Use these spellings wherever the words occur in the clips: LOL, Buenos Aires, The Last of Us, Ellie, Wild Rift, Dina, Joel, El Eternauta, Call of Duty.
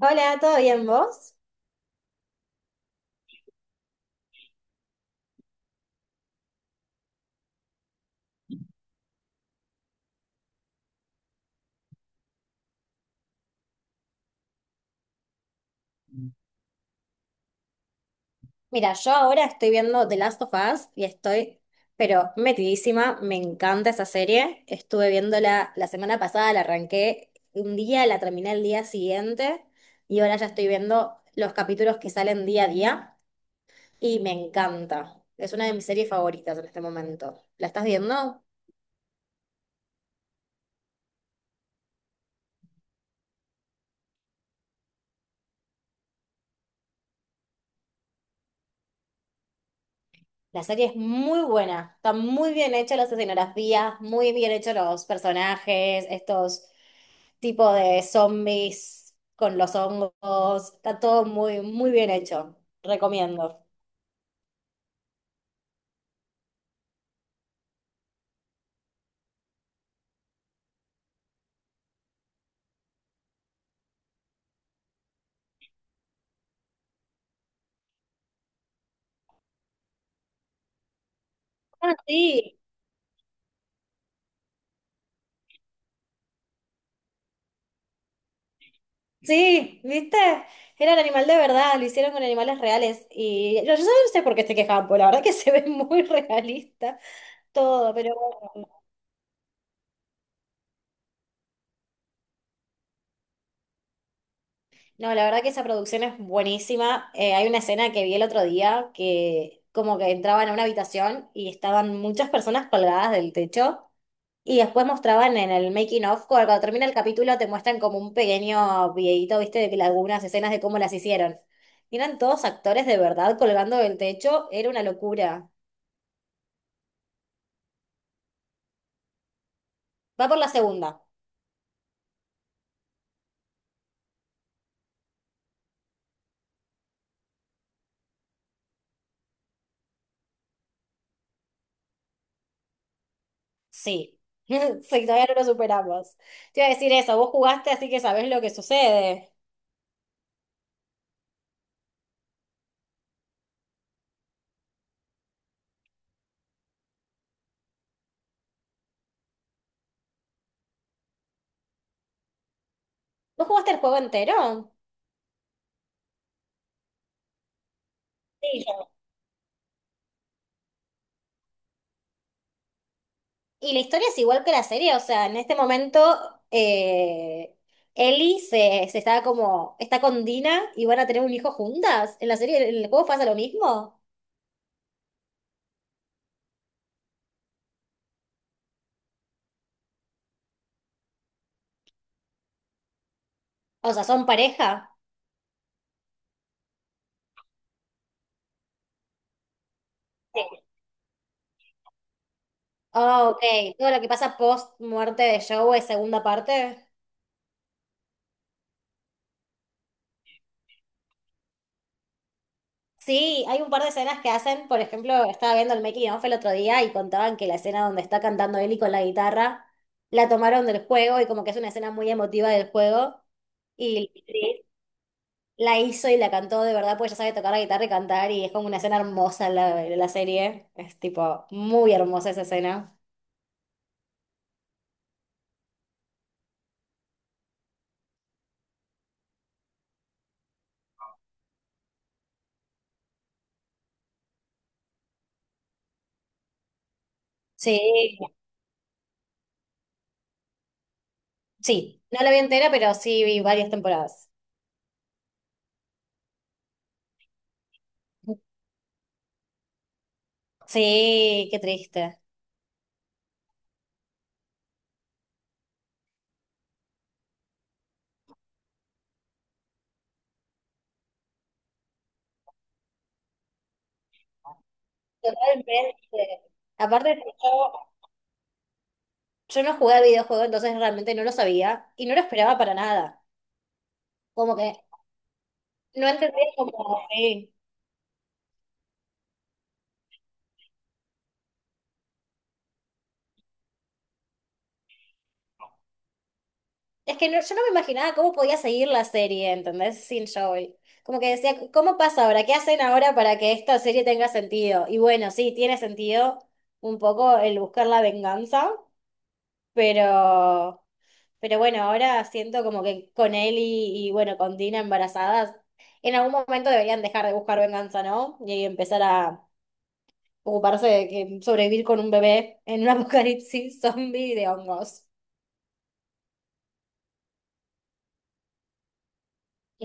Hola, ¿todo bien vos? Mira, yo ahora estoy viendo The Last of Us y estoy, pero metidísima, me encanta esa serie. Estuve viéndola la semana pasada, la arranqué un día, la terminé el día siguiente y ahora ya estoy viendo los capítulos que salen día a día y me encanta. Es una de mis series favoritas en este momento. ¿La estás viendo? La serie es muy buena, está muy bien hecha las escenografías, muy bien hechos los personajes, estos tipos de zombies con los hongos, está todo muy, muy bien hecho. Recomiendo. Ah, sí. Sí, ¿viste? Era el animal de verdad, lo hicieron con animales reales. Y yo no sé por qué se quejaban, porque la verdad que se ve muy realista todo, pero bueno. No, la verdad que esa producción es buenísima. Hay una escena que vi el otro día que como que entraban a una habitación y estaban muchas personas colgadas del techo y después mostraban en el making of, cuando termina el capítulo te muestran como un pequeño videíto, viste, de que algunas escenas de cómo las hicieron. Y eran todos actores de verdad colgando del techo, era una locura. Va por la segunda, sí. Sí, todavía no lo superamos. Te iba a decir eso, vos jugaste así que sabés lo que sucede. ¿Vos jugaste el juego entero? Sí. Y la historia es igual que la serie, o sea, en este momento, eh, Ellie se está como, está con Dina y van a tener un hijo juntas. En la serie, en el juego pasa lo mismo. O sea, son pareja. Ah, ok. Todo lo que pasa post muerte de Joe es segunda parte. Sí, hay un par de escenas que hacen, por ejemplo, estaba viendo el making of el otro día y contaban que la escena donde está cantando Ellie con la guitarra la tomaron del juego y como que es una escena muy emotiva del juego. Y la hizo y la cantó de verdad, pues ya sabe tocar la guitarra y cantar, y es como una escena hermosa la serie. Es tipo muy hermosa esa escena. Sí, sí, no la vi entera, pero sí vi varias temporadas. Sí, qué triste. Totalmente. Aparte, yo no jugué al videojuego, entonces realmente no lo sabía y no lo esperaba para nada. Como que no entendí como, sí. Es que no- yo no me imaginaba cómo podía seguir la serie, ¿entendés? Sin Joel. Como que decía, ¿cómo pasa ahora? ¿Qué hacen ahora para que esta serie tenga sentido? Y bueno, sí, tiene sentido un poco el buscar la venganza, pero, pero bueno, ahora siento como que con él y bueno, con Dina embarazadas, en algún momento deberían dejar de buscar venganza, ¿no? Y empezar a ocuparse de que sobrevivir con un bebé en un apocalipsis zombie de hongos.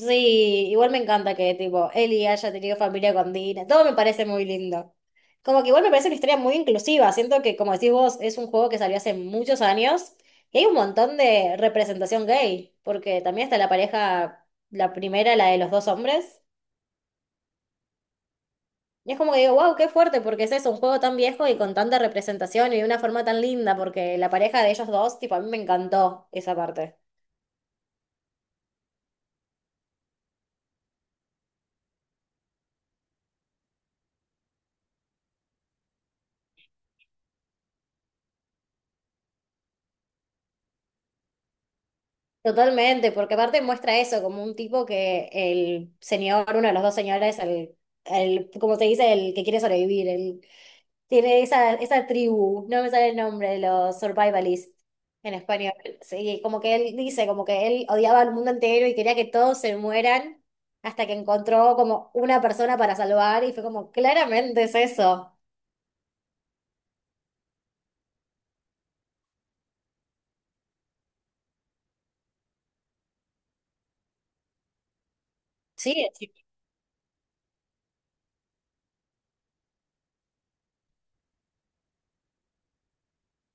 Sí, igual me encanta que tipo Eli haya tenido familia con Dina, todo me parece muy lindo. Como que igual me parece una historia muy inclusiva, siento que como decís vos, es un juego que salió hace muchos años y hay un montón de representación gay, porque también está la pareja, la primera, la de los dos hombres, y es como que digo, wow, qué fuerte, porque es eso, un juego tan viejo y con tanta representación y de una forma tan linda, porque la pareja de ellos dos, tipo, a mí me encantó esa parte. Totalmente, porque aparte muestra eso, como un tipo que el señor, uno de los dos señores, el, como se dice, el que quiere sobrevivir, el, tiene esa tribu, no me sale el nombre, los survivalists en español. Sí, como que él dice, como que él odiaba al mundo entero y quería que todos se mueran hasta que encontró como una persona para salvar y fue como, claramente es eso. Sí, sí,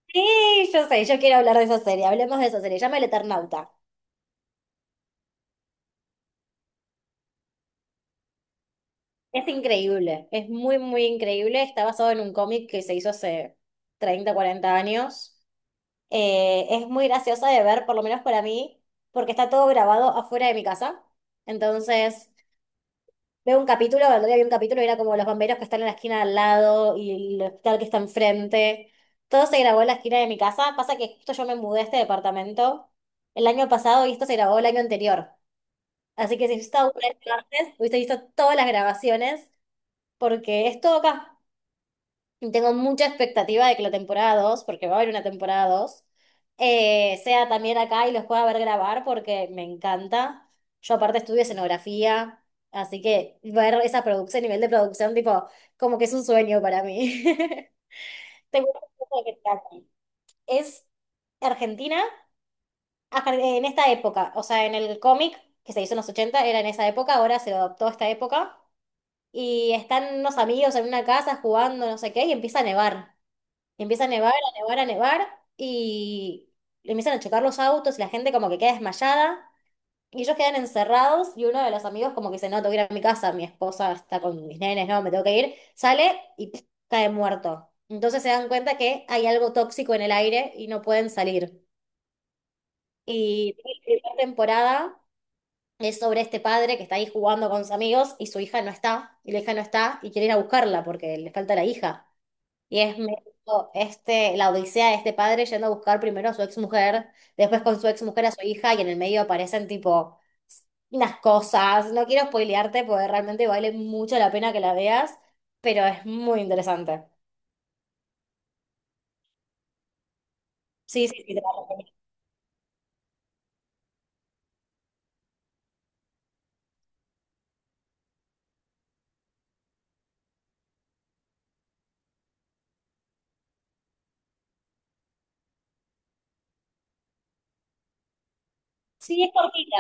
sí, yo sé, yo quiero hablar de esa serie, hablemos de esa serie, llama El Eternauta. Es increíble, es muy, muy increíble. Está basado en un cómic que se hizo hace 30, 40 años. Es muy graciosa de ver, por lo menos para mí, porque está todo grabado afuera de mi casa. Entonces, veo un capítulo, el otro día vi un capítulo y era como los bomberos que están en la esquina al lado y el hospital que está enfrente. Todo se grabó en la esquina de mi casa. Pasa que justo yo me mudé a este departamento el año pasado y esto se grabó el año anterior. Así que si hubiese estado un antes, hubiese visto todas las grabaciones porque es todo acá. Y tengo mucha expectativa de que la temporada dos, porque va a haber una temporada dos, sea también acá y los pueda ver grabar porque me encanta. Yo aparte estudio escenografía, así que ver esa producción, nivel de producción, tipo, como que es un sueño para mí. Tengo un poco de que está aquí. Es Argentina, ajá, en esta época, o sea, en el cómic que se hizo en los 80 era en esa época, ahora se lo adoptó a esta época, y están unos amigos en una casa jugando, no sé qué, y empieza a nevar. Empieza a nevar, a nevar, a nevar y empiezan a chocar los autos y la gente como que queda desmayada y ellos quedan encerrados y uno de los amigos como que dice, no, tengo que ir a mi casa, mi esposa está con mis nenes, no, me tengo que ir, sale y pf, cae muerto. Entonces se dan cuenta que hay algo tóxico en el aire y no pueden salir. Y la primera temporada es sobre este padre que está ahí jugando con sus amigos y su hija no está, y la hija no está y quiere ir a buscarla porque le falta la hija. Y es medio este, la odisea de este padre yendo a buscar primero a su ex mujer, después con su ex mujer a su hija, y en el medio aparecen tipo unas cosas. No quiero spoilearte porque realmente vale mucho la pena que la veas, pero es muy interesante. Sí, sí, sí, te la recomiendo. Sí, es cortita.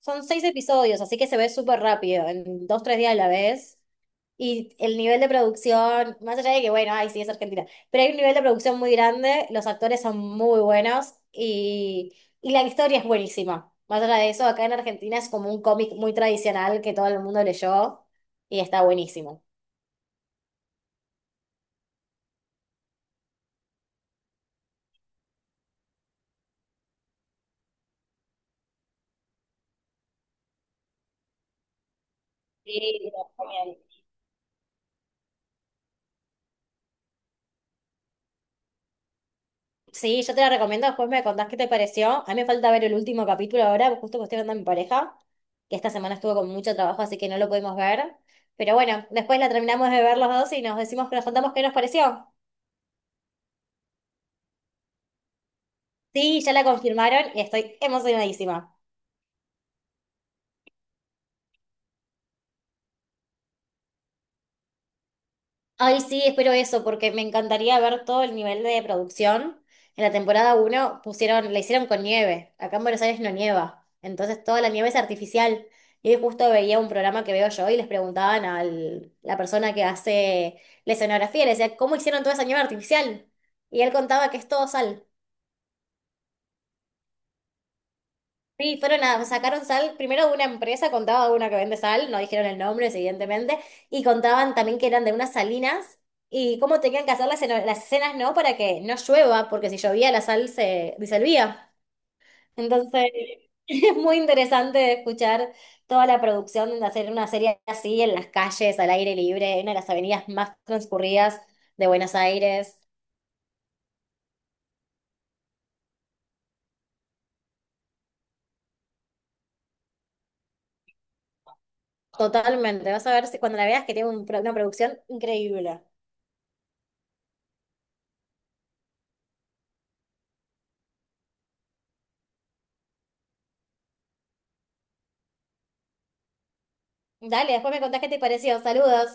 Son 6 episodios, así que se ve súper rápido. En 2, 3 días la ves. Y el nivel de producción, más allá de que, bueno, ay, sí, es Argentina, pero hay un nivel de producción muy grande, los actores son muy buenos y la historia es buenísima. Más allá de eso, acá en Argentina es como un cómic muy tradicional que todo el mundo leyó y está buenísimo. Sí, te lo recomiendo. Sí, yo te la recomiendo, después me contás qué te pareció. A mí me falta ver el último capítulo ahora, justo que estoy hablando a mi pareja, que esta semana estuvo con mucho trabajo, así que no lo pudimos ver. Pero bueno, después la terminamos de ver los dos y nos decimos que nos contamos qué nos pareció. Sí, ya la confirmaron y estoy emocionadísima. Ay, sí, espero eso, porque me encantaría ver todo el nivel de producción. En la temporada uno pusieron, la hicieron con nieve. Acá en Buenos Aires no nieva. Entonces toda la nieve es artificial. Y hoy justo veía un programa que veo yo y les preguntaban a la persona que hace la escenografía, le decía, ¿cómo hicieron toda esa nieve artificial? Y él contaba que es todo sal. Sí, fueron a, sacaron sal, primero una empresa contaba una que vende sal, no dijeron el nombre, evidentemente, y contaban también que eran de unas salinas y cómo tenían que hacer las, las escenas, ¿no? Para que no llueva, porque si llovía la sal se disolvía. Entonces, es muy interesante escuchar toda la producción de hacer una serie así en las calles, al aire libre, en una de las avenidas más transcurridas de Buenos Aires. Totalmente, vas a ver si cuando la veas que tiene un una producción increíble. Dale, después me contás qué te pareció. Saludos.